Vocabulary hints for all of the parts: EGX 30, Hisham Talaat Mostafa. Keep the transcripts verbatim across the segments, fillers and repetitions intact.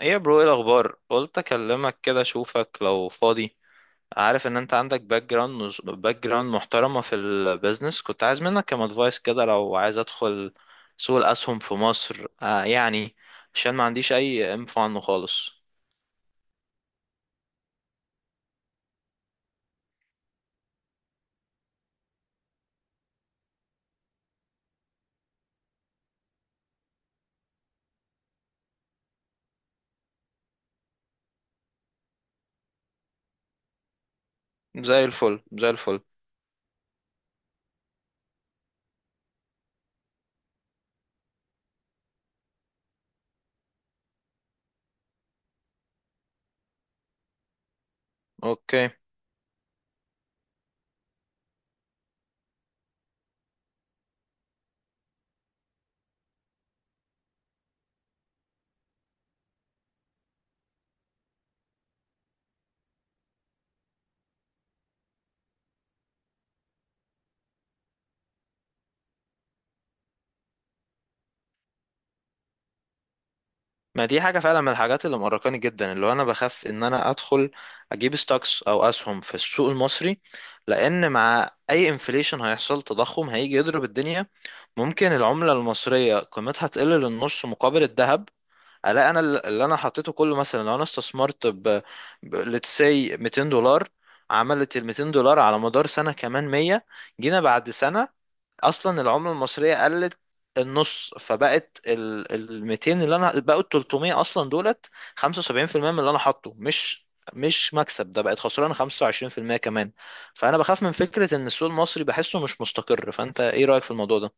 ايه يا برو، ايه الاخبار؟ قلت اكلمك كده اشوفك لو فاضي. عارف ان انت عندك باك جراوند باك جراوند محترمه في البيزنس. كنت عايز منك كام ادفايس كده لو عايز ادخل سوق الاسهم في مصر، آه يعني، عشان ما عنديش اي انفو عنه خالص. زي الفل، زي الفل. اوكي. ما دي حاجه فعلا من الحاجات اللي مقرقاني جدا، اللي هو انا بخاف ان انا ادخل اجيب ستوكس او اسهم في السوق المصري، لان مع اي انفليشن هيحصل تضخم هيجي يضرب الدنيا. ممكن العملة المصرية قيمتها تقل للنص مقابل الذهب، الاقي انا الل- اللي انا حطيته كله. مثلا لو انا استثمرت ب, ب let's say ميتين دولار، عملت ال ميتين دولار على مدار سنة كمان مية. جينا بعد سنة، اصلا العملة المصرية قلت النص، فبقت ال ال ميتين، اللي انا بقوا ال ثلاثمية اصلا دولت خمسة وسبعين في المية من اللي انا حاطه، مش مش مكسب. ده بقت خسران خمسة وعشرين في المية كمان. فانا بخاف من فكرة ان السوق المصري بحسه مش مستقر. فانت ايه رأيك في الموضوع ده؟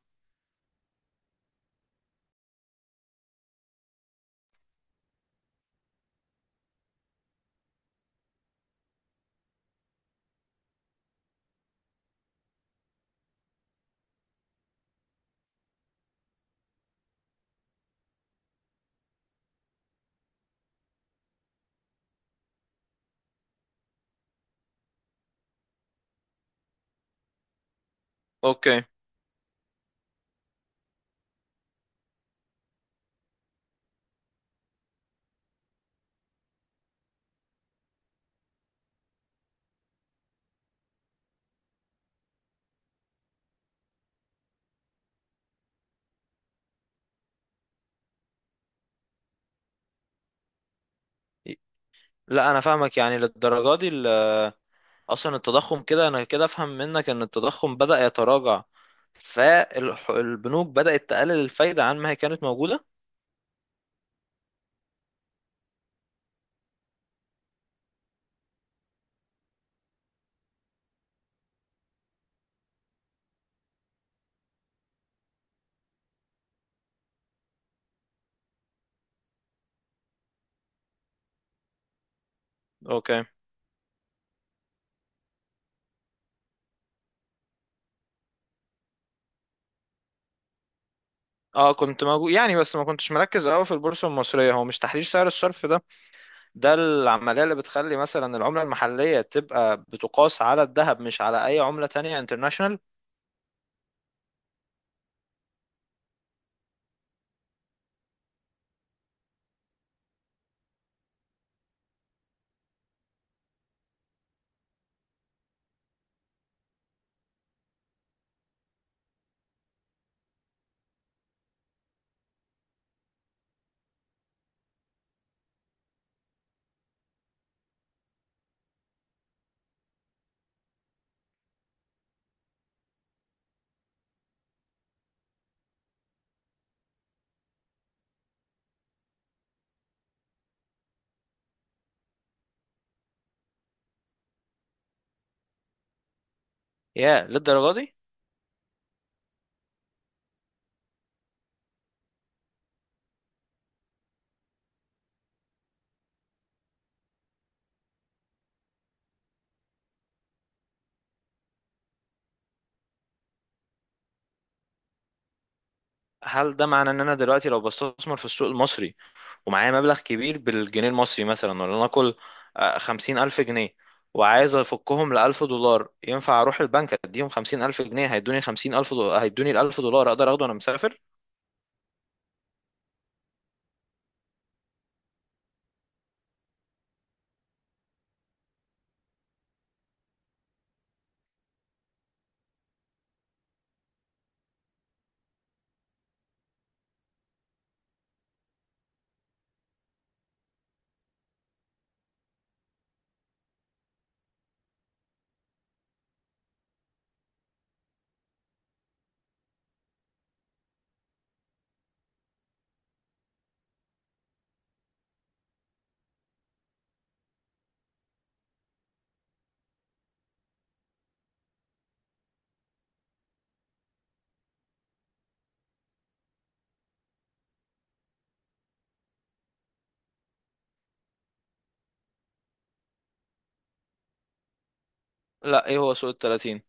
اوكي. لا انا فاهمك. يعني للدرجه دي ال- اصلا التضخم، كده انا كده افهم منك ان التضخم بدأ يتراجع فالبنوك بدأت تقلل الفايدة عن ما هي كانت موجودة. اوكي. اه كنت موجود يعني، بس ما كنتش مركز قوي في البورصة المصرية. هو مش تحرير سعر الصرف ده، ده العملية اللي بتخلي مثلا العملة المحلية تبقى بتقاس على الذهب مش على اي عملة تانية انترناشونال؟ يا للدرجة دي. هل ده معنى ان انا دلوقتي لو بستثمر في السوق المصري ومعايا مبلغ كبير بالجنيه المصري، مثلا ولا نقول آه، خمسين ألف جنيه، وعايز أفكهم لألف دولار، ينفع أروح البنك أديهم خمسين ألف جنيه هيدوني خمسين ألف دولار، هيدوني الألف دولار أقدر أخده وأنا مسافر؟ لا، إيه هو سوق التلاتين؟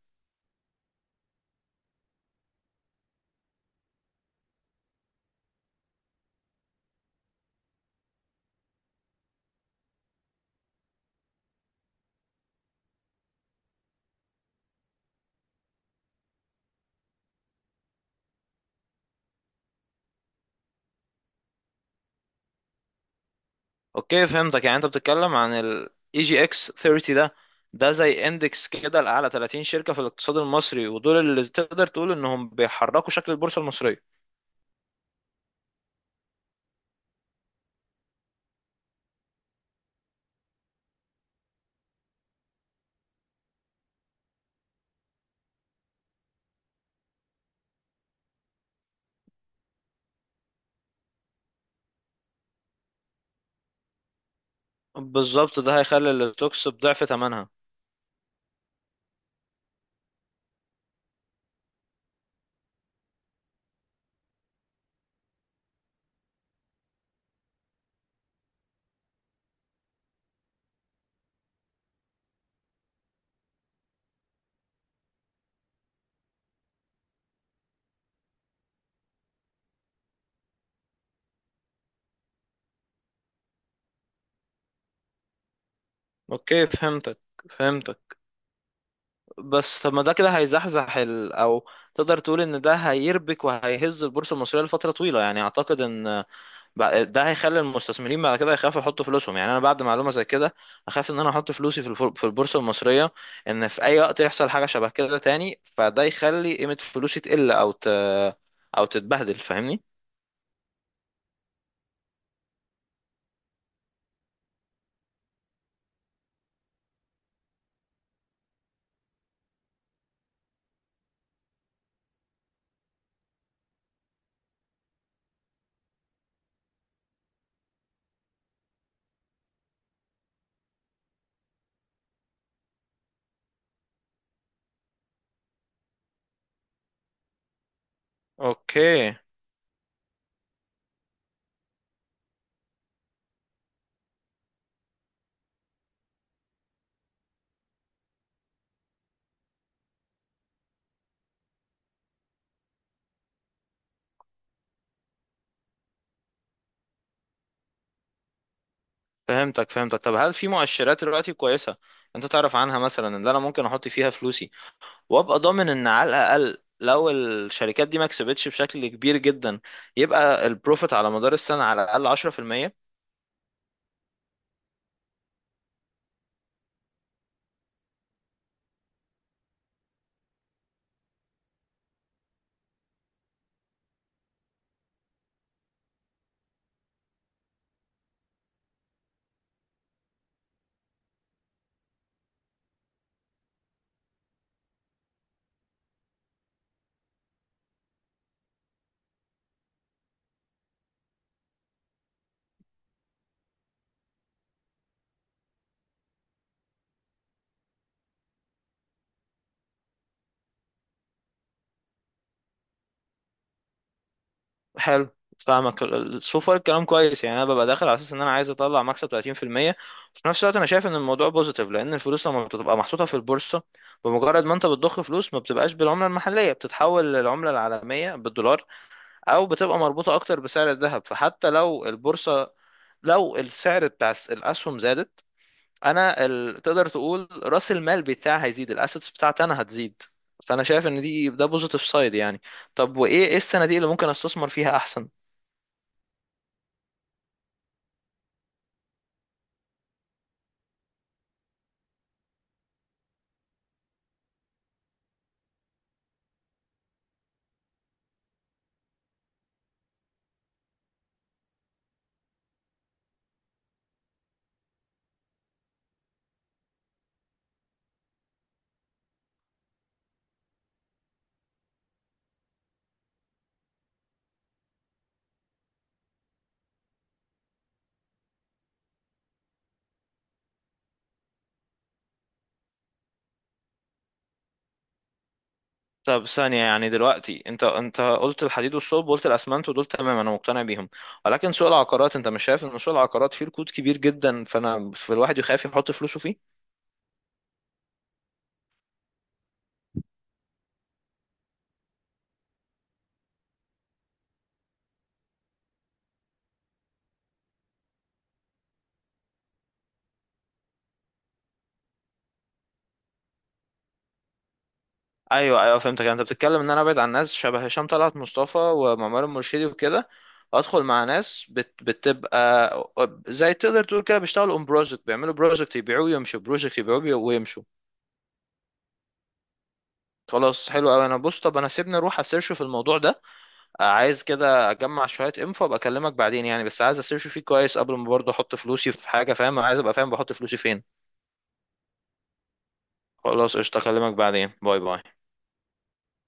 أوكي فهمتك. يعني أنت بتتكلم عن ال E G X تلاتين ده، ده زي اندكس كده لأعلى ثلاثين شركة في الاقتصاد المصري، ودول اللي تقدر تقول إنهم بيحركوا شكل البورصة المصرية. بالظبط ده هيخلي الستوكس بضعف ثمنها. أوكي فهمتك، فهمتك. بس طب ما ده كده هيزحزح ال... او تقدر تقول ان ده هيربك وهيهز البورصه المصريه لفتره طويله. يعني اعتقد ان بع- ده هيخلي المستثمرين بعد كده يخافوا يحطوا فلوسهم. يعني انا بعد معلومه زي كده اخاف ان انا احط فلوسي في الفر... في البورصه المصريه، ان في اي وقت يحصل حاجه شبه كده تاني، فده يخلي قيمه فلوسي تقل او ت... او تتبهدل. فاهمني؟ اوكي فهمتك، فهمتك. طب هل في مؤشرات دلوقتي كويسه انت تعرف عنها، مثلا ان انا ممكن احط فيها فلوسي وابقى ضامن ان على الاقل لو الشركات دي ما كسبتش بشكل كبير جدا، يبقى البروفيت على مدار السنه على الاقل عشرة في المية؟ حلو، فاهمك. سو فار الكلام كويس. يعني انا ببقى داخل على اساس ان انا عايز اطلع مكسب ثلاثين في المية. وفي نفس الوقت انا شايف ان الموضوع بوزيتيف، لان الفلوس لما بتبقى محطوطه في البورصه، بمجرد ما انت بتضخ فلوس، ما بتبقاش بالعمله المحليه، بتتحول للعمله العالميه بالدولار، او بتبقى مربوطه اكتر بسعر الذهب. فحتى لو البورصه، لو السعر بتاع الاسهم زادت، انا ال... تقدر تقول راس المال بتاعي هيزيد، الاسيتس بتاعتي انا هتزيد. فانا شايف ان دي ده بوزيتيف سايد يعني. طب وايه، ايه الصناديق اللي ممكن استثمر فيها احسن؟ طب ثانية، يعني دلوقتي انت انت قلت الحديد والصلب وقلت الاسمنت، ودول تمام انا مقتنع بيهم. ولكن سوق العقارات، انت مش شايف ان سوق العقارات فيه ركود كبير جدا فانا في الواحد يخاف يحط فلوسه فيه؟ ايوه ايوه فهمتك. يعني انت بتتكلم ان انا ابعد عن ناس شبه هشام طلعت مصطفى ومعمر المرشدي وكده، وادخل مع ناس بت بتبقى زي، تقدر تقول كده، بيشتغلوا اون بروجكت. بيعملوا بروجكت يبيعوه ويمشوا، بروجكت يبيعوه ويمشوا. خلاص حلو قوي. انا بص، طب انا سيبني اروح اسيرش في الموضوع ده. آه، عايز كده اجمع شويه انفو، ابقى اكلمك بعدين يعني. بس عايز اسيرش فيه كويس قبل ما برضه احط فلوسي في حاجه، فاهم، عايز ابقى فاهم بحط فلوسي فين. خلاص قشطه، اكلمك بعدين. باي باي.